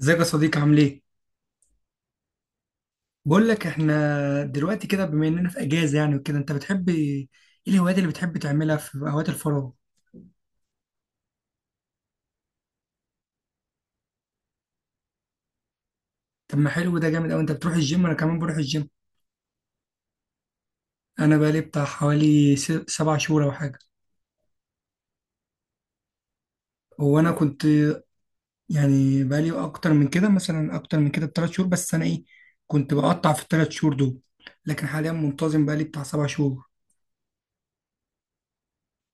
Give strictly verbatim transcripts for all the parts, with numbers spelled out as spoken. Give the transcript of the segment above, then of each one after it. ازيك يا صديقي، عامل ايه؟ بقول لك احنا دلوقتي كده، بما اننا في اجازه يعني وكده، انت بتحب ايه؟ الهوايات اللي بتحب تعملها في اوقات الفراغ؟ طب ما حلو، ده جامد قوي. انت بتروح الجيم؟ انا كمان بروح الجيم. انا بقالي بتاع حوالي س- سبع شهور او حاجه. وانا كنت يعني بقالي اكتر من كده، مثلا اكتر من كده بثلاث شهور، بس انا ايه، كنت بقطع في الثلاث شهور دول. لكن حاليا منتظم بقالي بتاع سبع شهور.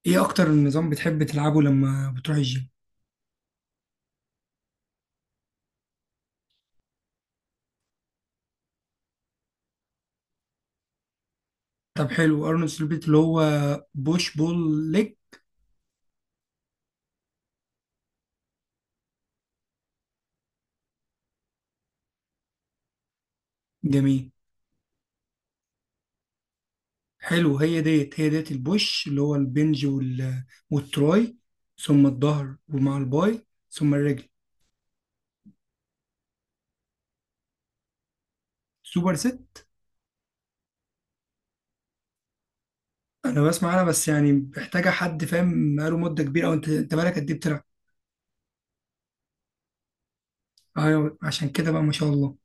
ايه اكتر نظام بتحب تلعبه لما بتروح الجيم؟ طب حلو، ارنولد سبليت اللي هو بوش بول ليج. جميل. حلو، هي ديت هي ديت البوش اللي هو البنج وال... والتراي، ثم الظهر ومع الباي ثم الرجل. سوبر ست. انا بسمع انا، بس يعني محتاجه حد فاهم بقاله مده كبيره، او انت انت بقالك قد ايه بتلعب؟ ايوه، عشان كده بقى ما شاء الله.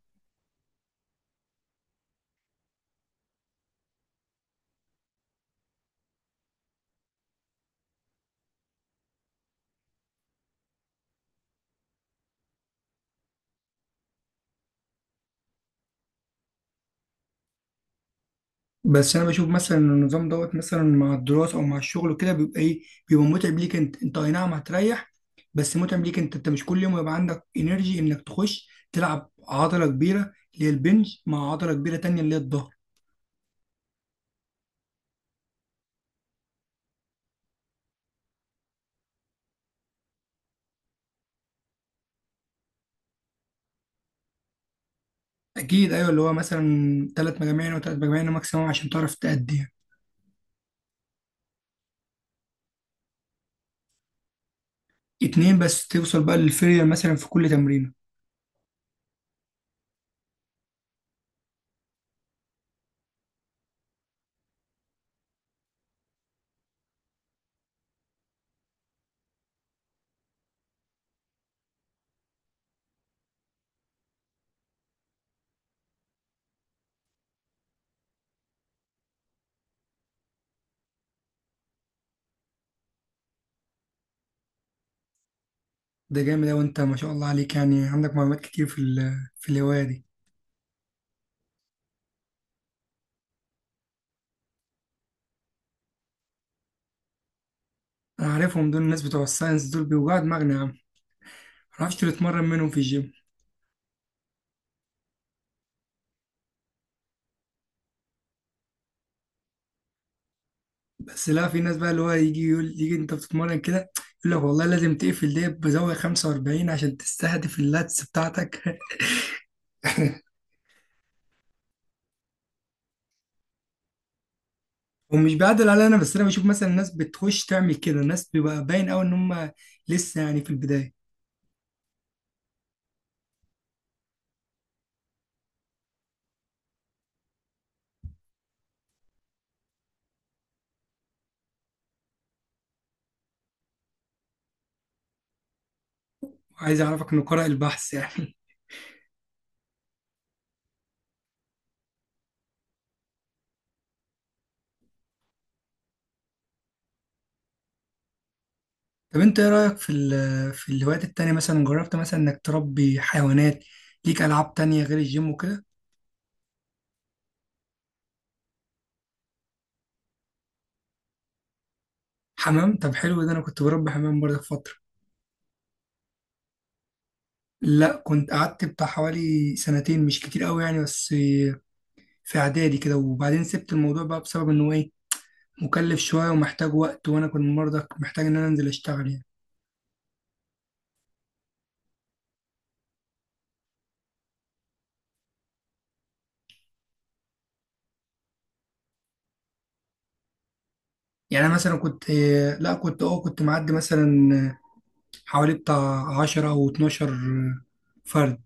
بس انا بشوف مثلا إن النظام دوت مثلا مع الدراسه او مع الشغل وكده بيبقى ايه، بيبقى متعب ليك. انت انت اي نعم هتريح، بس متعب ليك. انت انت مش كل يوم يبقى عندك انرجي انك تخش تلعب عضله كبيره اللي هي البنج مع عضله كبيره تانية اللي هي الظهر. اكيد، ايوه، اللي هو مثلا ثلاث مجاميع، او ثلاث مجاميع ماكسيموم عشان تعرف تأدي يعني. اتنين بس، توصل بقى للفيلير مثلا في كل تمرينه. ده جامد اوي، انت ما شاء الله عليك، يعني عندك معلومات كتير في ال- في الهوايه دي. انا عارفهم دول، الناس بتوع الساينس دول بيوجعوا دماغنا يا عم، ما اعرفش تتمرن منهم في الجيم. بس لا، في ناس بقى اللي هو يجي يقول، يجي انت بتتمرن كده، يقول لك والله لازم تقفل دي بزاويه خمسة وأربعين عشان تستهدف اللاتس بتاعتك. ومش بعدل عليا انا، بس انا بشوف مثلا الناس بتخش تعمل كده، الناس بيبقى باين قوي ان هم لسه يعني في البدايه، وعايز اعرفك انه قارئ البحث يعني. طب انت ايه رايك في ال- في الهوايات التانية؟ مثلا جربت مثلا انك تربي حيوانات؟ ليك العاب تانية غير الجيم وكده؟ حمام، طب حلو، ده انا كنت بربي حمام برضه في فتره. لا كنت قعدت بتاع حوالي سنتين، مش كتير قوي يعني، بس في اعدادي كده. وبعدين سبت الموضوع بقى بسبب انه ايه، مكلف شويه ومحتاج وقت، وانا كنت برضه محتاج ان انا انزل اشتغل يعني. يعني أنا مثلا كنت، لا كنت اه كنت معدي مثلا حوالي بتاع عشرة أو اتناشر فرد.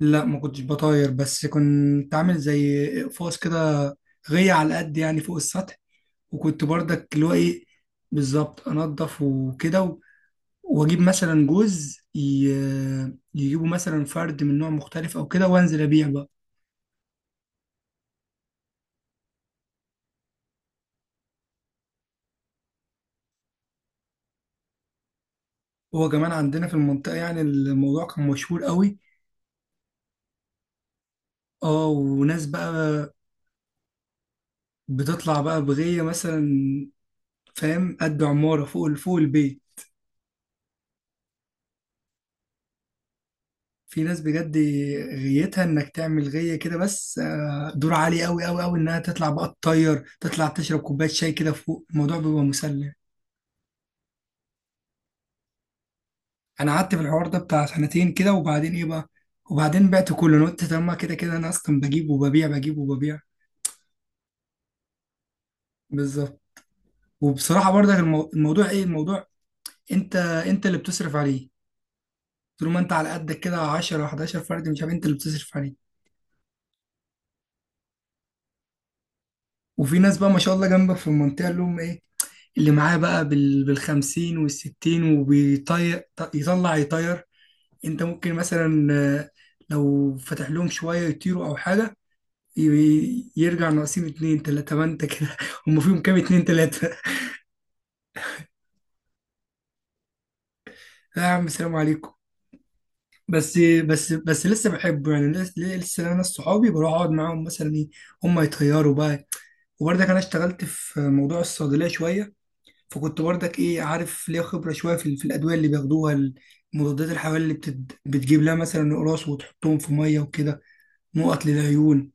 لا ما كنتش بطاير، بس كنت عامل زي إقفاص كده، غية على قد يعني فوق السطح. وكنت برضك اللي هو إيه، بالظبط أنضف وكده و- وأجيب مثلا جوز ي- يجيبوا مثلا فرد من نوع مختلف أو كده، وأنزل أبيع بقى. هو كمان عندنا في المنطقة يعني الموضوع كان مشهور قوي. اه، وناس بقى بتطلع بقى بغية مثلا، فاهم، قد عمارة فوق فوق البيت. في ناس بجد غيتها انك تعمل غية كده، بس آه، دور عالي قوي قوي قوي، انها تطلع بقى تطير، تطلع تشرب كوباية شاي كده فوق، الموضوع بيبقى مسلي. انا قعدت في الحوار ده بتاع سنتين كده، وبعدين ايه بقى، وبعدين بعت كله. انا قلت طب ما كده كده انا اصلا بجيب وببيع بجيب وببيع. بالظبط. وبصراحة برضك المو- الموضوع ايه، الموضوع انت انت اللي بتصرف عليه. طول ما انت على قدك كده، عشرة حداشر فرد، مش عارف، انت اللي بتصرف عليه. وفي ناس بقى ما شاء الله جنبك في المنطقة اللي هم ايه، اللي معاه بقى بال بالخمسين والستين وبيطير، يطلع يطير. انت ممكن مثلا، آه، لو فتح لهم شوية يطيروا أو حاجة، ي- يرجع ناقصين اتنين تلاتة، ما انت كده. هم فيهم كام، اتنين تلاتة. لا يا عم، سلام عليكم. بس بس بس لسه بحبه يعني، لس- لسه انا ناس صحابي بروح اقعد معاهم مثلا ايه، هم يطيروا بقى. وبرضه انا اشتغلت في موضوع الصيدلية شوية، فكنت برضك ايه، عارف، ليا خبره شويه في, في الادويه اللي بياخدوها. المضادات الحيويه اللي بتد... بتجيب لها مثلا قراص وتحطهم في ميه وكده، نقط للعيون.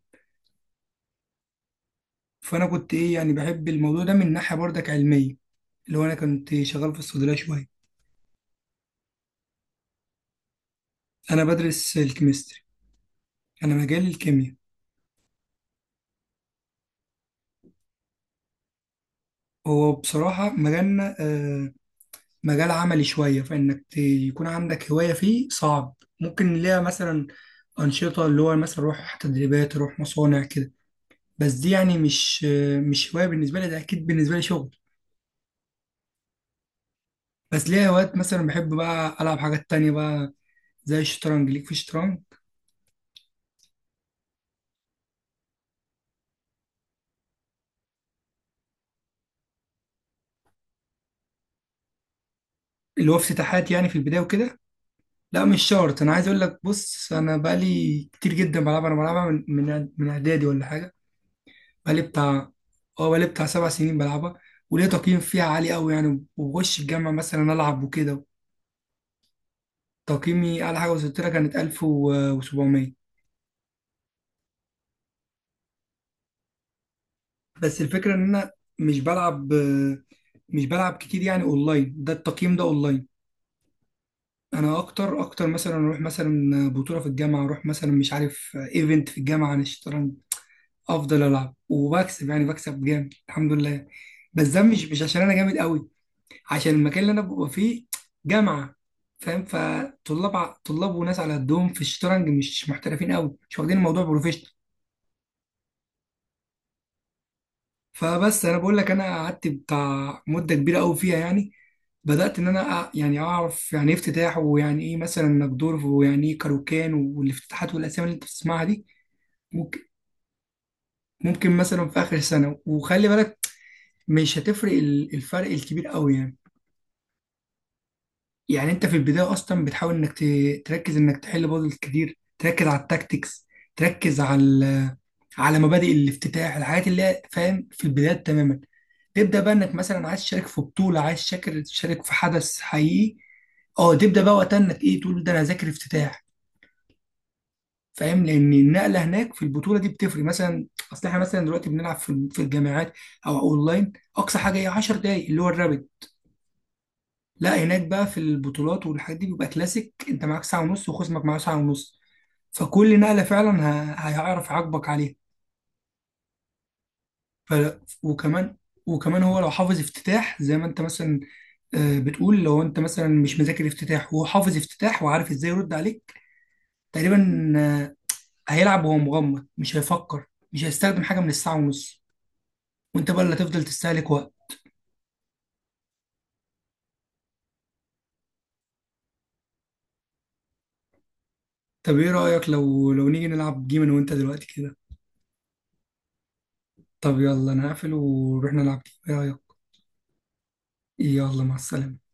فانا كنت ايه، يعني بحب الموضوع ده من ناحيه برضك علميه، اللي هو انا كنت شغال في الصيدليه شويه. انا بدرس الكيمستري، انا مجال الكيمياء. هو بصراحه مجالنا آه، مجال عملي شويه، فانك ت- يكون عندك هوايه فيه صعب. ممكن ليها مثلا انشطه، اللي هو مثلا روح تدريبات، روح مصانع كده، بس دي يعني مش مش هواية بالنسبة لي، ده أكيد بالنسبة لي شغل. بس ليا أوقات مثلا بحب بقى ألعب حاجات تانية بقى، زي الشطرنج. ليك في الشطرنج؟ اللي هو افتتاحات يعني في البداية وكده. لا مش شرط، أنا عايز أقول لك، بص أنا بقالي كتير جدا بلعبها، أنا بلعبها من من من إعدادي ولا حاجة. بقالي بتاع، أه بقالي بتاع سبع سنين بلعبها، وليا تقييم فيها عالي أوي يعني، وبخش الجامعة مثلا ألعب وكده. تقييمي أعلى حاجة وصلت لها كانت ألف وسبعمية. بس الفكرة ان انا مش بلعب مش بلعب كتير يعني اونلاين، ده التقييم ده اونلاين. انا اكتر اكتر مثلا اروح مثلا بطولة في الجامعة، اروح مثلا مش عارف ايفنت في الجامعة عن الشطرنج، افضل العب وبكسب يعني، بكسب جامد الحمد لله. بس ده مش مش عشان انا جامد قوي، عشان المكان اللي انا ببقى فيه جامعة، فاهم، فطلاب ع- طلاب وناس على قدهم في الشطرنج، مش محترفين قوي، مش واخدين الموضوع بروفيشنال. فبس انا بقول لك انا قعدت بتاع مدة كبيرة قوي فيها يعني، بدأت إن أنا أع- يعني أعرف يعني إيه افتتاح، ويعني إيه مثلا نجدورف، ويعني إيه كاروكان والافتتاحات والأسامي اللي أنت بتسمعها دي. ممكن، ممكن مثلا في آخر سنة، وخلي بالك مش هتفرق ال- الفرق الكبير قوي يعني. يعني أنت في البداية أصلا بتحاول إنك ت- تركز إنك تحل بازلز كتير، تركز على التاكتكس، تركز على ال- على مبادئ الافتتاح، الحاجات اللي هي فاهم في البدايات تماما. تبدأ بقى إنك مثلا عايز تشارك في بطولة، عايز شاكر- تشارك في حدث حقيقي. اه، تبدأ بقى وقتها إنك إيه، تقول ده أنا هذاكر افتتاح. فاهم، لان النقله هناك في البطوله دي بتفرق مثلا. اصل احنا مثلا دلوقتي بنلعب في في الجامعات او اونلاين، اقصى حاجه هي 10 دقائق اللي هو الرابد. لا هناك بقى في البطولات والحاجات دي بيبقى كلاسيك، انت معاك ساعه ونص وخصمك معاه ساعه ونص، فكل نقله فعلا ه- هيعرف يعاقبك عليها. ف... وكمان وكمان هو لو حافظ افتتاح زي ما انت مثلا آه، بتقول، لو انت مثلا مش مذاكر افتتاح وهو حافظ افتتاح وعارف ازاي يرد عليك، تقريبا آه، هيلعب وهو مغمض، مش هيفكر، مش هيستخدم حاجه من الساعه ونص، وانت بقى اللي هتفضل تستهلك وقت. طب ايه رأيك لو لو نيجي نلعب جيم انا وانت دلوقتي كده؟ طب يلا، انا هقفل ونروح نلعب جيم، ايه رأيك؟ يلا مع السلامة.